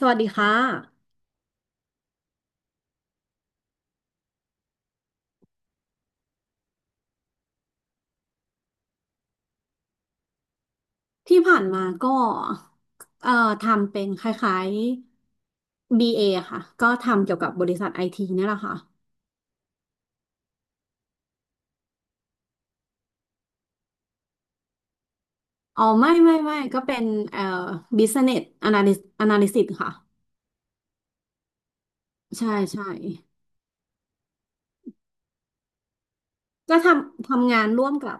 สวัสดีค่ะที่ผ่านมาก็เอ่อทำเป็นคล้ายๆ BA ค่ะก็ทำเกี่ยวกับบริษัทไอทีนี่แหละค่ะอ๋อไม่ไม่ไม่ก็เป็นเอ่อ Business Analyst ค่ะใช่ใช่ก็ทำงานร่วมกับ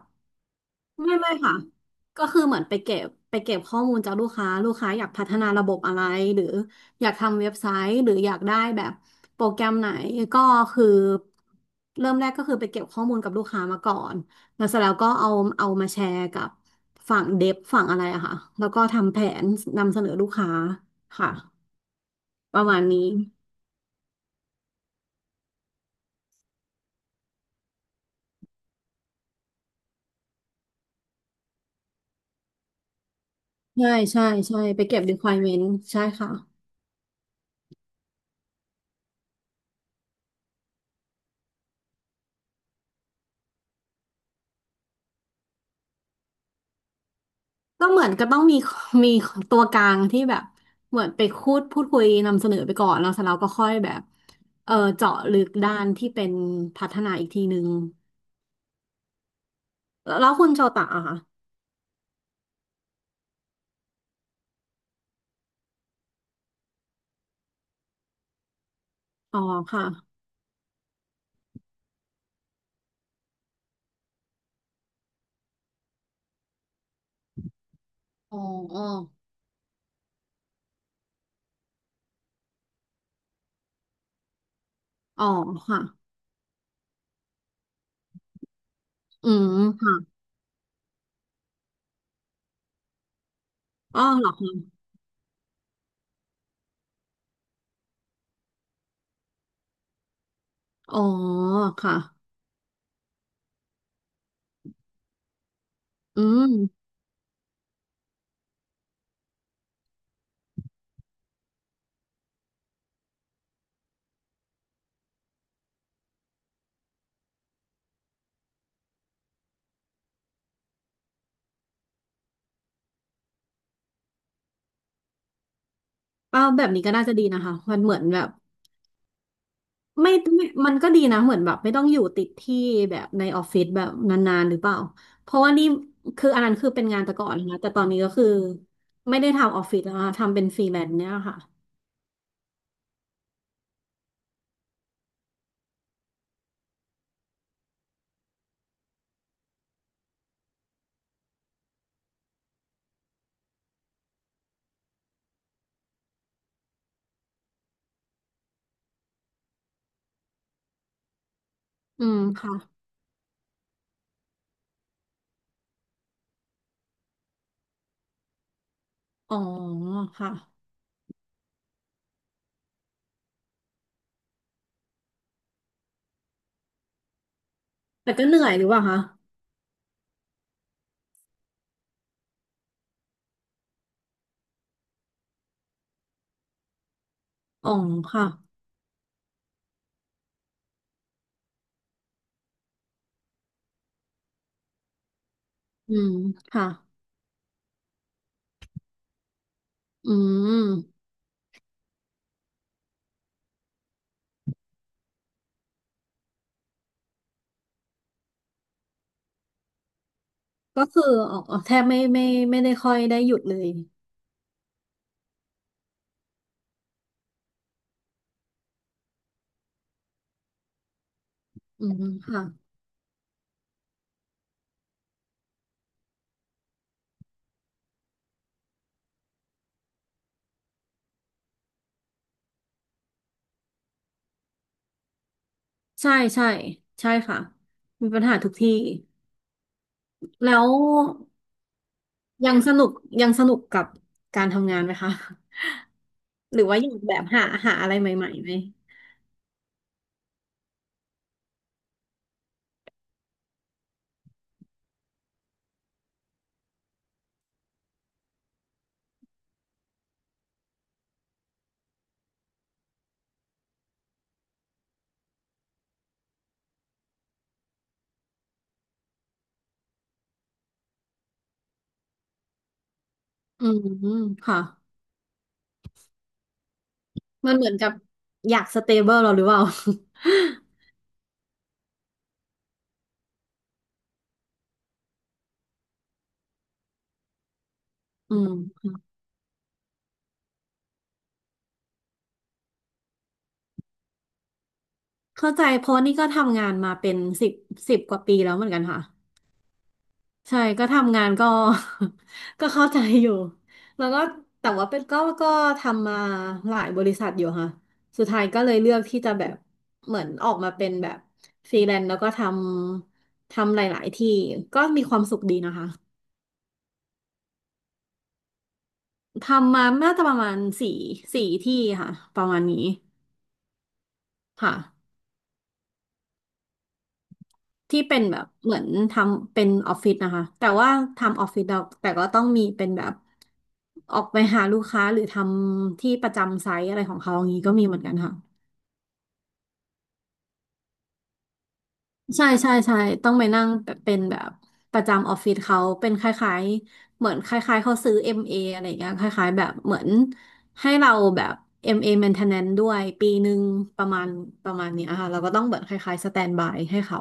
ไม่ไม่ค่ะก็คือเหมือนไปเก็บข้อมูลจากลูกค้าลูกค้าอยากพัฒนาระบบอะไรหรืออยากทำเว็บไซต์หรืออยากได้แบบโปรแกรมไหนก็คือเริ่มแรกก็คือไปเก็บข้อมูลกับลูกค้ามาก่อนแล้วเสร็จแล้วก็เอามาแชร์กับฝั่งเดฟฝั่งอะไรอะค่ะแล้วก็ทำแผนนำเสนอลูกค้าค่ะประมาณนี้ใช่ใช่ใช่ไปเก็บ requirement ใช่ค่ะ ก็เหมือนก็ต้องมี มีตัวกลางที่แบบเหมือนไปพูดคุยนำเสนอไปก่อนแล้วเสร็จแล้วก็ค่อยแบบเออเจาะลึกด้านที่เป็นพัฒนาอีกทีนึงแล้วแล้วคุณโชตะอะค่ะอ๋อค่ะอ๋ออ๋ออ๋อค่ะอืมค่ะอ๋อเหรอคะอ๋อค่ะอืมอ้าวแบบนี้ก็น่าจะดีนะคะมันเหมือนแบบ ไม่ไม่มันก็ดีนะเหมือนแบบไม่ต้องอยู่ติดที่แบบในออฟฟิศแบบนานๆหรือเปล่าเพราะว่านี่คืออันนั้นคือเป็นงานแต่ก่อนนะแต่ตอนนี้ก็คือไม่ได้ทำออฟฟิศแล้วนะทำเป็นฟรีแลนซ์เนี่ยค่ะอืมค่ะอ๋อค่ะแต่ก็เหนื่อยหรือเปล่าคะอ๋อค่ะอืมค่ะอืมก็คืออ๋อแทบไม่ไม่ได้ค่อยได้หยุดเลยอืมค่ะใช่ใช่ใช่ค่ะมีปัญหาทุกที่แล้ว ยังสนุกยังสนุกกับการทำงานไหมคะ หรือว่าอยากแบบหาอะไรใหม่ๆไหมอืมค่ะมันเหมือนกับอยากสเตเบิลเราหรือเปล่า อืมเข้าใจเพราะนี่ก็ทำงานมาเป็นสิบกว่าปีแล้วเหมือนกันค่ะ ใช่ก็ทำงานก็ ก็เข้าใจอยู่แล้วก็แต่ว่าเป็นก็ทำมาหลายบริษัทอยู่ค่ะสุดท้ายก็เลยเลือกที่จะแบบเหมือนออกมาเป็นแบบฟรีแลนซ์แล้วก็ทำหลายๆที่ก็มีความสุขดีนะคะทำมาน่าจะประมาณสี่ที่ค่ะประมาณนี้ค่ะ ที่เป็นแบบเหมือนทำเป็นออฟฟิศนะคะแต่ว่าทำออฟฟิศเราแต่ก็ต้องมีเป็นแบบออกไปหาลูกค้าหรือทำที่ประจำไซต์อะไรของเขาอย่างนี้ก็มีเหมือนกันค่ะใช่ใช่ใช่ต้องไปนั่งเป็นแบบประจำออฟฟิศเขาเป็นคล้ายๆเหมือนคล้ายๆเขาซื้อ MA อมเออะไรอย่างเงี้ยคล้ายๆแบบเหมือนให้เราแบบเอมเอ maintenance ด้วยปีหนึ่งประมาณประมาณเนี้ยค่ะเราก็ต้องเหมือนคล้ายๆสแตนบายให้เขา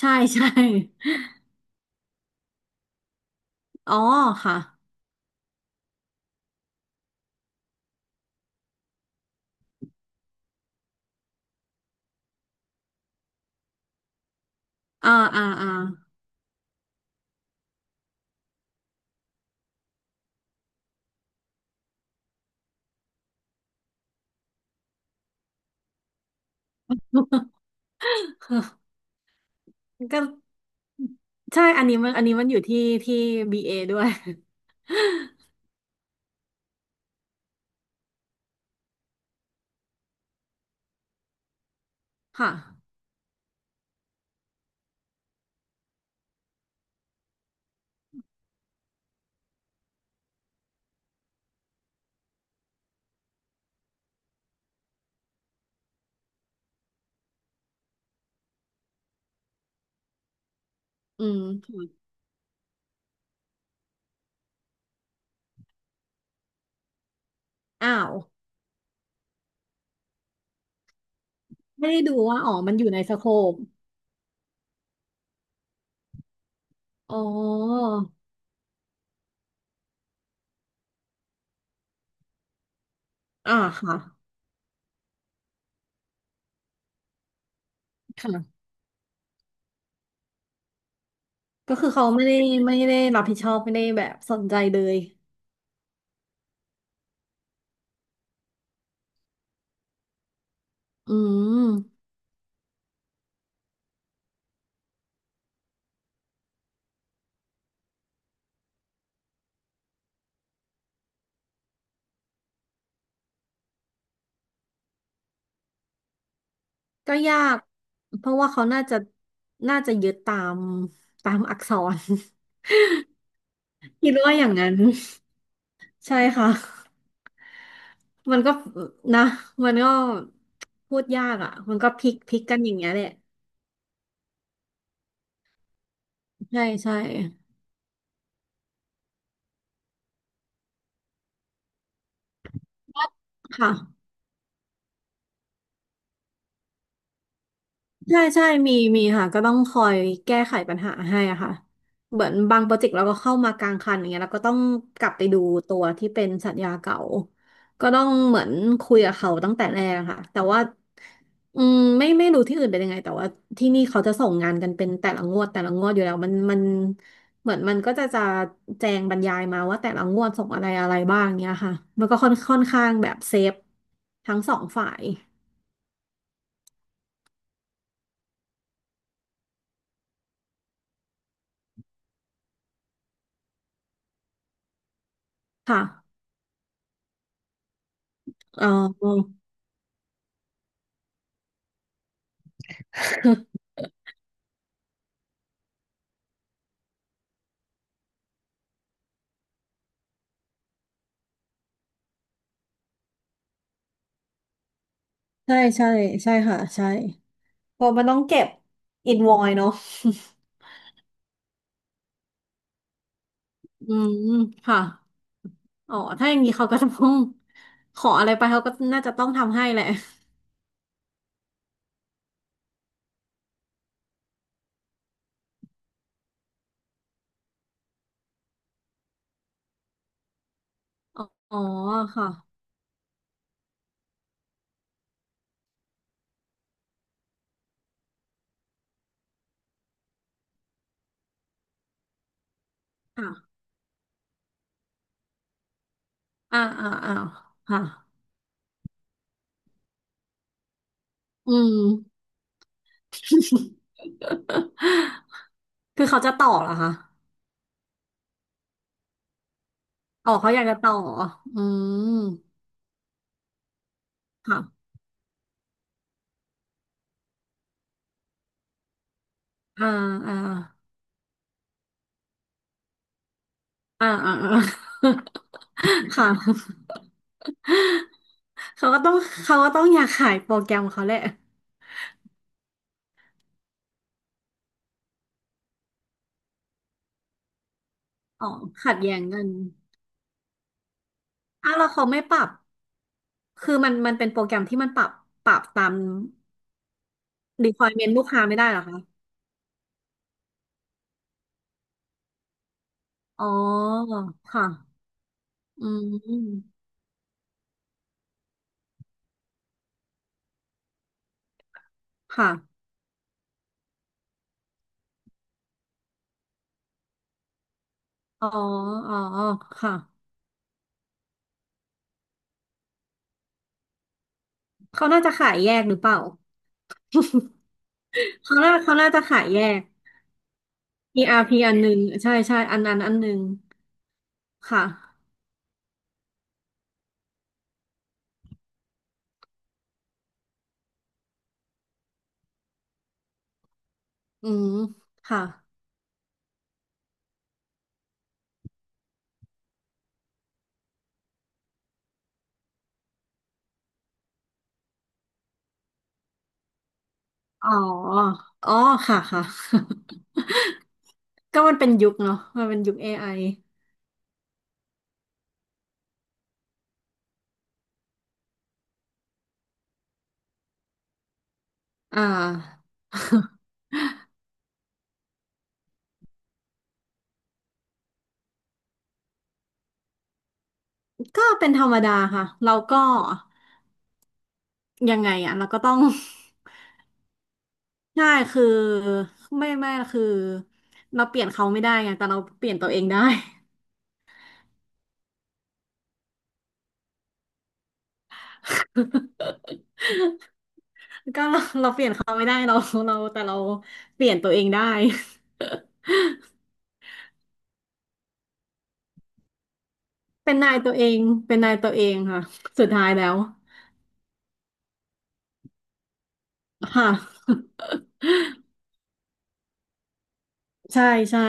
ใช่ใช่อ๋อค่ะอ่าอ่าอ่า ก็ใช่อันนี้มันอยู่ที่ที่บีเอด้วย ค่ะอืมอ้าวไม่ได้ดูว่าอ๋อมันอยู่ในสโคปอ๋ออ่าค่ะค่ะก็คือเขาไม่ได้รับผิดชอบไม่ได้แบบสนใจเลยอืมก็ยากเพราะว่าเขาน่าจะยึดตามอักษร คิดว่าอย่างนั้นใช่ค่ะ มันก็นะมันก็พูดยากอ่ะมันก็พลิกกันอย่างเงี้ยแหละใช่ใช่ค่ะ ใช่ใช่ มีมีค่ะก็ต้องคอยแก้ไขปัญหาให้อะค่ะเหมือนบางโปรเจกต์เราก็เข้ามากลางคันอย่างเงี้ยแล้วก็ต้องกลับไปดูตัวที่เป็นสัญญาเก่า ก็ต้องเหมือนคุยกับเขาตั้งแต่แรกอะค่ะแต่ว่าอืมไม่รู้ที่อื่นเป็นยังไงแต่ว่าที่นี่เขาจะส่งงานกันเป็นแต่ละงวดแต่ละงวดอยู่แล้วมันเหมือนมันก็จะแจงบรรยายมาว่าแต่ละงวดส่งอะไรอะไรบ้างเนี้ยค่ะมันก็ค่อนข้างแบบเซฟทั้งสองฝ่ายค่ะเออ ใช่ใช่ใช่ค่ะใช่เพราะมันต้องเก็บอินวอยเนาะอืมค่ะอ๋อถ้าอย่างนี้เขาก็จะต้องขออะไรไปเขาก็น่าจะต้องทำให้แหละอ๋ออ๋อค่ะค่ะอ่าอ่าอ่าค่ะอืม คือเขาจะต่อเหรอคะอ๋อเขาอยากจะต่ออืมค่ะอ่าอ่าอ่าอ่าอ่า ค่ะเขาก็ต้องเขาก็ต้องอยากขายโปรแกรมเขาแหละ อ๋อขัดแย้งกันอ้าวแล้วเขาไม่ปรับคือมันเป็นโปรแกรมที่มันปรับตาม requirement ลูกค้าไม่ได้เหรอคะอ๋อค่ะอืมค่ะอ๋ออ๋อค่ะเขาน่าจะขายแยกหรือเปล่า เขาน่าจะขายแยก e พีอันหนึ่งใช่ใช่อันนั้นอันหนึ่งค่ะอืมค่ะอ๋ออ๋อค่ะค่ะ ก็มันเป็นยุคเนาะมันเป็นยุคเอไออ่า ก็เป็นธรรมดาค่ะเราก็ยังไงอ่ะเราก็ต้อง ใช่คือไม่คือเราเปลี่ยนเขาไม่ได้ไงแต่เราเปลี่ยนตัวเองได้ ก็เราเปลี่ยนเขาไม่ได้เราแต่เราเปลี่ยนตัวเองได้ เป็นนายตัวเองเป็นนายตัวเองค่ะสุดท้ายแล้วค่ะใช่ใช่